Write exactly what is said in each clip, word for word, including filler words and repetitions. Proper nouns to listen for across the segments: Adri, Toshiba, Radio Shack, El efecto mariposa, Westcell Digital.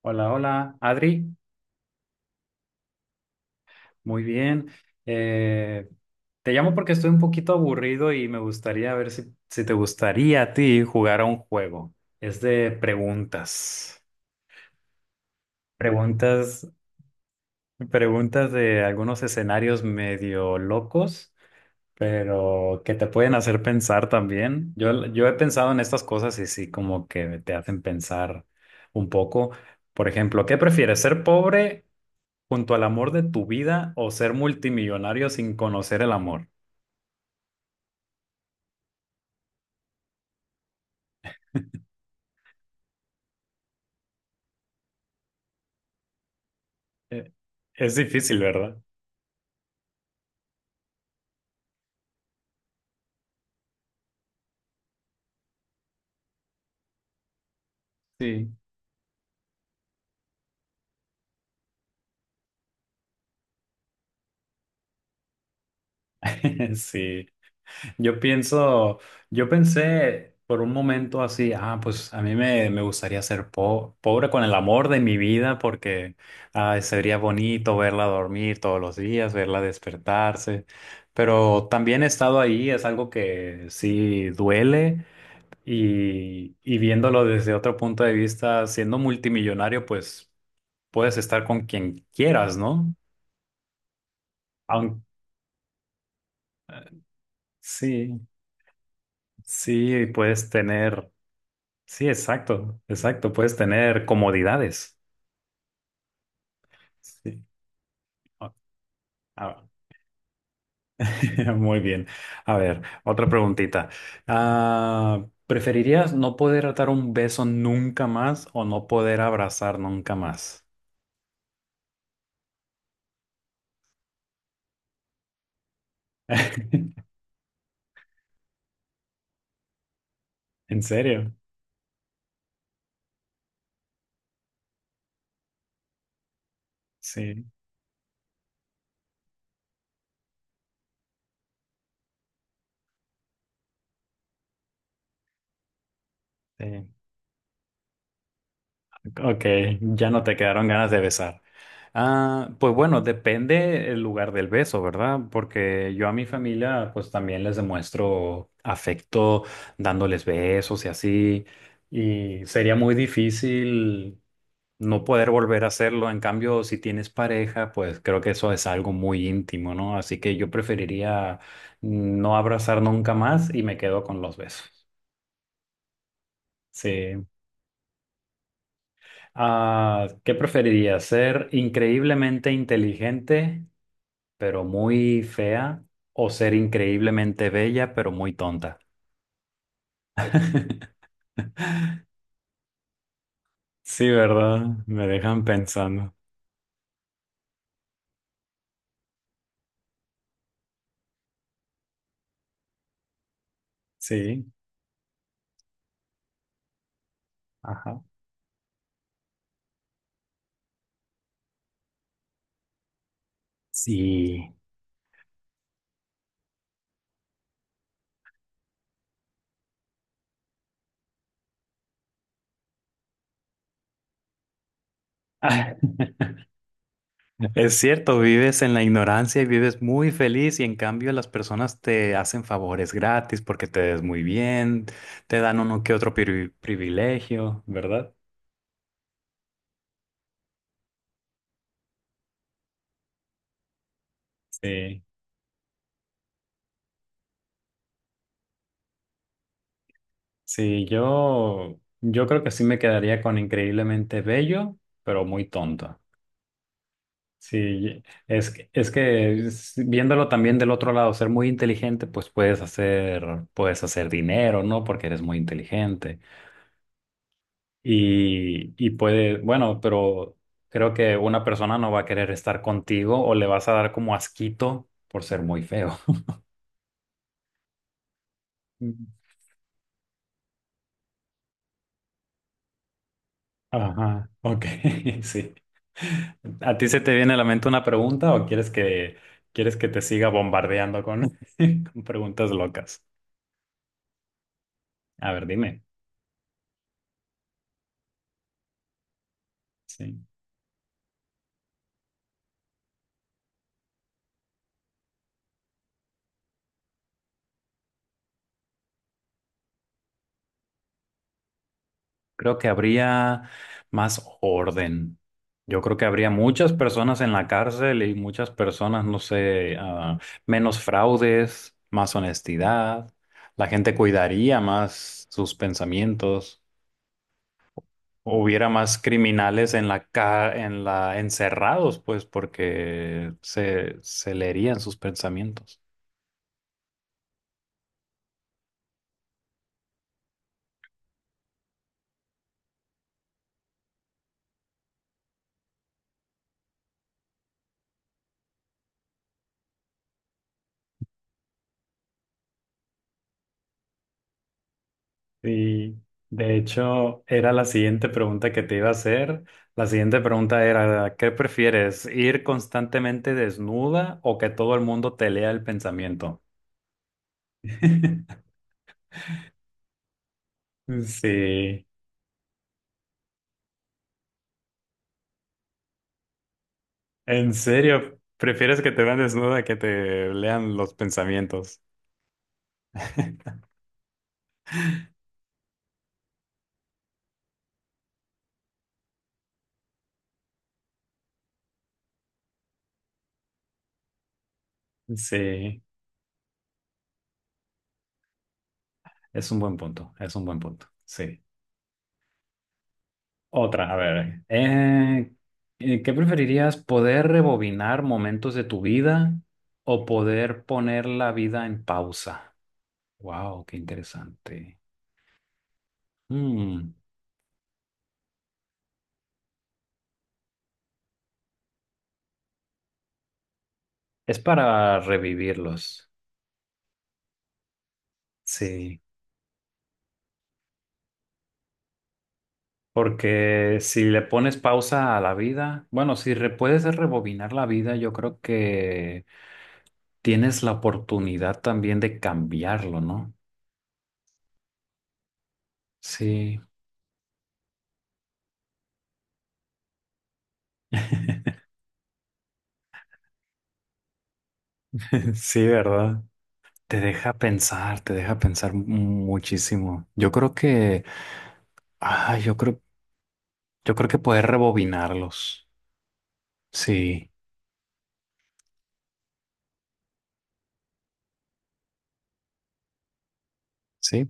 Hola, hola, Adri. Muy bien. Eh, Te llamo porque estoy un poquito aburrido y me gustaría ver si, si te gustaría a ti jugar a un juego. Es de preguntas. Preguntas, preguntas de algunos escenarios medio locos, pero que te pueden hacer pensar también. Yo, yo he pensado en estas cosas y sí, como que te hacen pensar un poco. Por ejemplo, ¿qué prefieres, ser pobre junto al amor de tu vida o ser multimillonario sin conocer el amor? Eh, Es difícil, ¿verdad? Sí. Sí, yo pienso, yo pensé por un momento así, ah, pues a mí me, me gustaría ser po- pobre con el amor de mi vida, porque ah, sería bonito verla dormir todos los días, verla despertarse, pero también he estado ahí, es algo que sí duele. Y, y viéndolo desde otro punto de vista, siendo multimillonario, pues puedes estar con quien quieras, ¿no? Aunque sí, sí, puedes tener, sí, exacto, exacto, puedes tener comodidades. Sí. Ah, ah, muy bien. A ver, otra preguntita. Ah, ¿preferirías no poder dar un beso nunca más o no poder abrazar nunca más? ¿En serio? Sí, sí. Ok, ya no te quedaron ganas de besar. Ah, pues bueno, depende el lugar del beso, ¿verdad? Porque yo a mi familia pues también les demuestro afecto dándoles besos y así, y sería muy difícil no poder volver a hacerlo. En cambio, si tienes pareja, pues creo que eso es algo muy íntimo, ¿no? Así que yo preferiría no abrazar nunca más y me quedo con los besos. Sí. Ah, ¿qué preferirías? ¿Ser increíblemente inteligente, pero muy fea? ¿O ser increíblemente bella, pero muy tonta? Sí, ¿verdad? Me dejan pensando. Sí, ajá. Sí. Ah, es cierto, vives en la ignorancia y vives muy feliz, y en cambio las personas te hacen favores gratis porque te ves muy bien, te dan uno que otro pri- privilegio, ¿verdad? Sí. Sí, yo, yo creo que sí me quedaría con increíblemente bello, pero muy tonto. Sí, es, que- es que es- viéndolo también del otro lado, ser muy inteligente, pues puedes hacer, puedes hacer dinero, ¿no? Porque eres muy inteligente. Y, y puede, bueno, pero creo que una persona no va a querer estar contigo o le vas a dar como asquito por ser muy feo. Ajá, ok, sí. ¿A ti se te viene a la mente una pregunta o quieres que, quieres que te siga bombardeando con, con preguntas locas? A ver, dime. Sí. Creo que habría más orden. Yo creo que habría muchas personas en la cárcel y muchas personas, no sé, ah, menos fraudes, más honestidad. La gente cuidaría más sus pensamientos. Hubiera más criminales en la ca en la encerrados, pues, porque se, se leerían sus pensamientos. Y de hecho, era la siguiente pregunta que te iba a hacer. La siguiente pregunta era, ¿qué prefieres? ¿Ir constantemente desnuda o que todo el mundo te lea el pensamiento? Sí, en serio, prefieres que te vean desnuda que te lean los pensamientos. Sí, es un buen punto, es un buen punto. Sí. Otra, a ver, eh, eh, ¿qué preferirías? ¿Poder rebobinar momentos de tu vida o poder poner la vida en pausa? Wow, qué interesante. Mm, es para revivirlos, sí, porque si le pones pausa a la vida, bueno, si re- puedes rebobinar la vida, yo creo que tienes la oportunidad también de cambiarlo, ¿no? Sí, sí, ¿verdad? Te deja pensar, te deja pensar muchísimo. Yo creo que, ah, yo creo, yo creo que poder rebobinarlos. Sí, sí.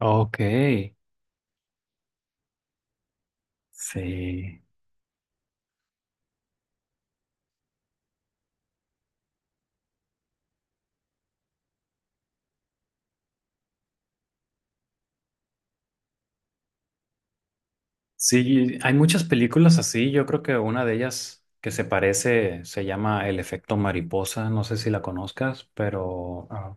Ok. Sí. Sí, hay muchas películas así. Yo creo que una de ellas que se parece se llama El efecto mariposa. No sé si la conozcas, pero, ah,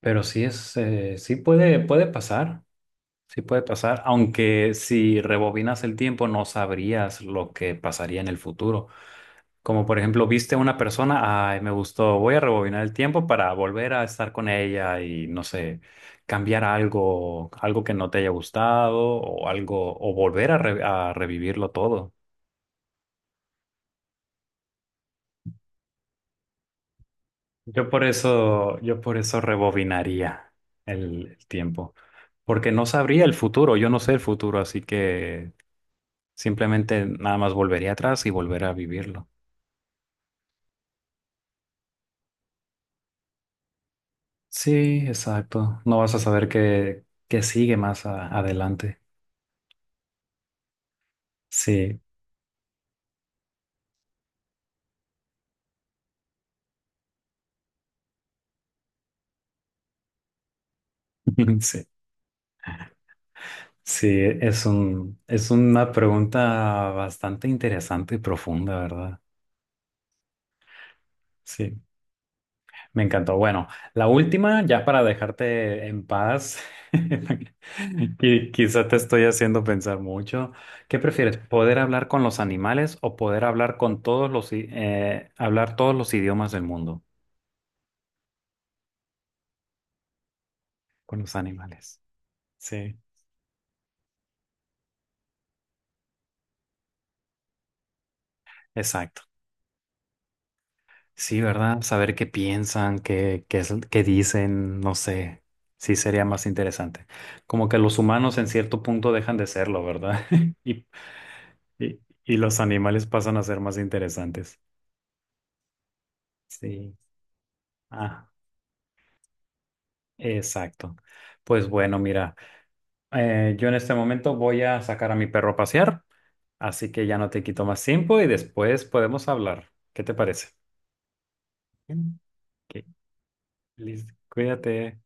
pero sí es, eh, sí puede, puede pasar. Sí puede pasar, aunque si rebobinas el tiempo no sabrías lo que pasaría en el futuro. Como por ejemplo, viste a una persona, ay, me gustó, voy a rebobinar el tiempo para volver a estar con ella y no sé, cambiar algo, algo que no te haya gustado o algo, o volver a, re- a revivirlo todo. Yo por eso, yo por eso rebobinaría el, el tiempo, porque no sabría el futuro, yo no sé el futuro, así que simplemente nada más volvería atrás y volver a vivirlo. Sí, exacto. No vas a saber qué, qué sigue más a- adelante. Sí, sí, sí, es un, es una pregunta bastante interesante y profunda, ¿verdad? Sí, me encantó. Bueno, la última, ya para dejarte en paz, y quizá te estoy haciendo pensar mucho. ¿Qué prefieres, poder hablar con los animales o poder hablar con todos los, i- eh, hablar todos los idiomas del mundo? Con los animales. Sí, exacto. Sí, ¿verdad? Saber qué piensan, qué, qué, es- qué dicen, no sé. Sí, sería más interesante. Como que los humanos en cierto punto dejan de serlo, ¿verdad? Y, y, y los animales pasan a ser más interesantes. Sí. Ah, exacto. Pues bueno, mira, eh, yo en este momento voy a sacar a mi perro a pasear, así que ya no te quito más tiempo y después podemos hablar. ¿Qué te parece? Bien. Ok, listo. Cuídate.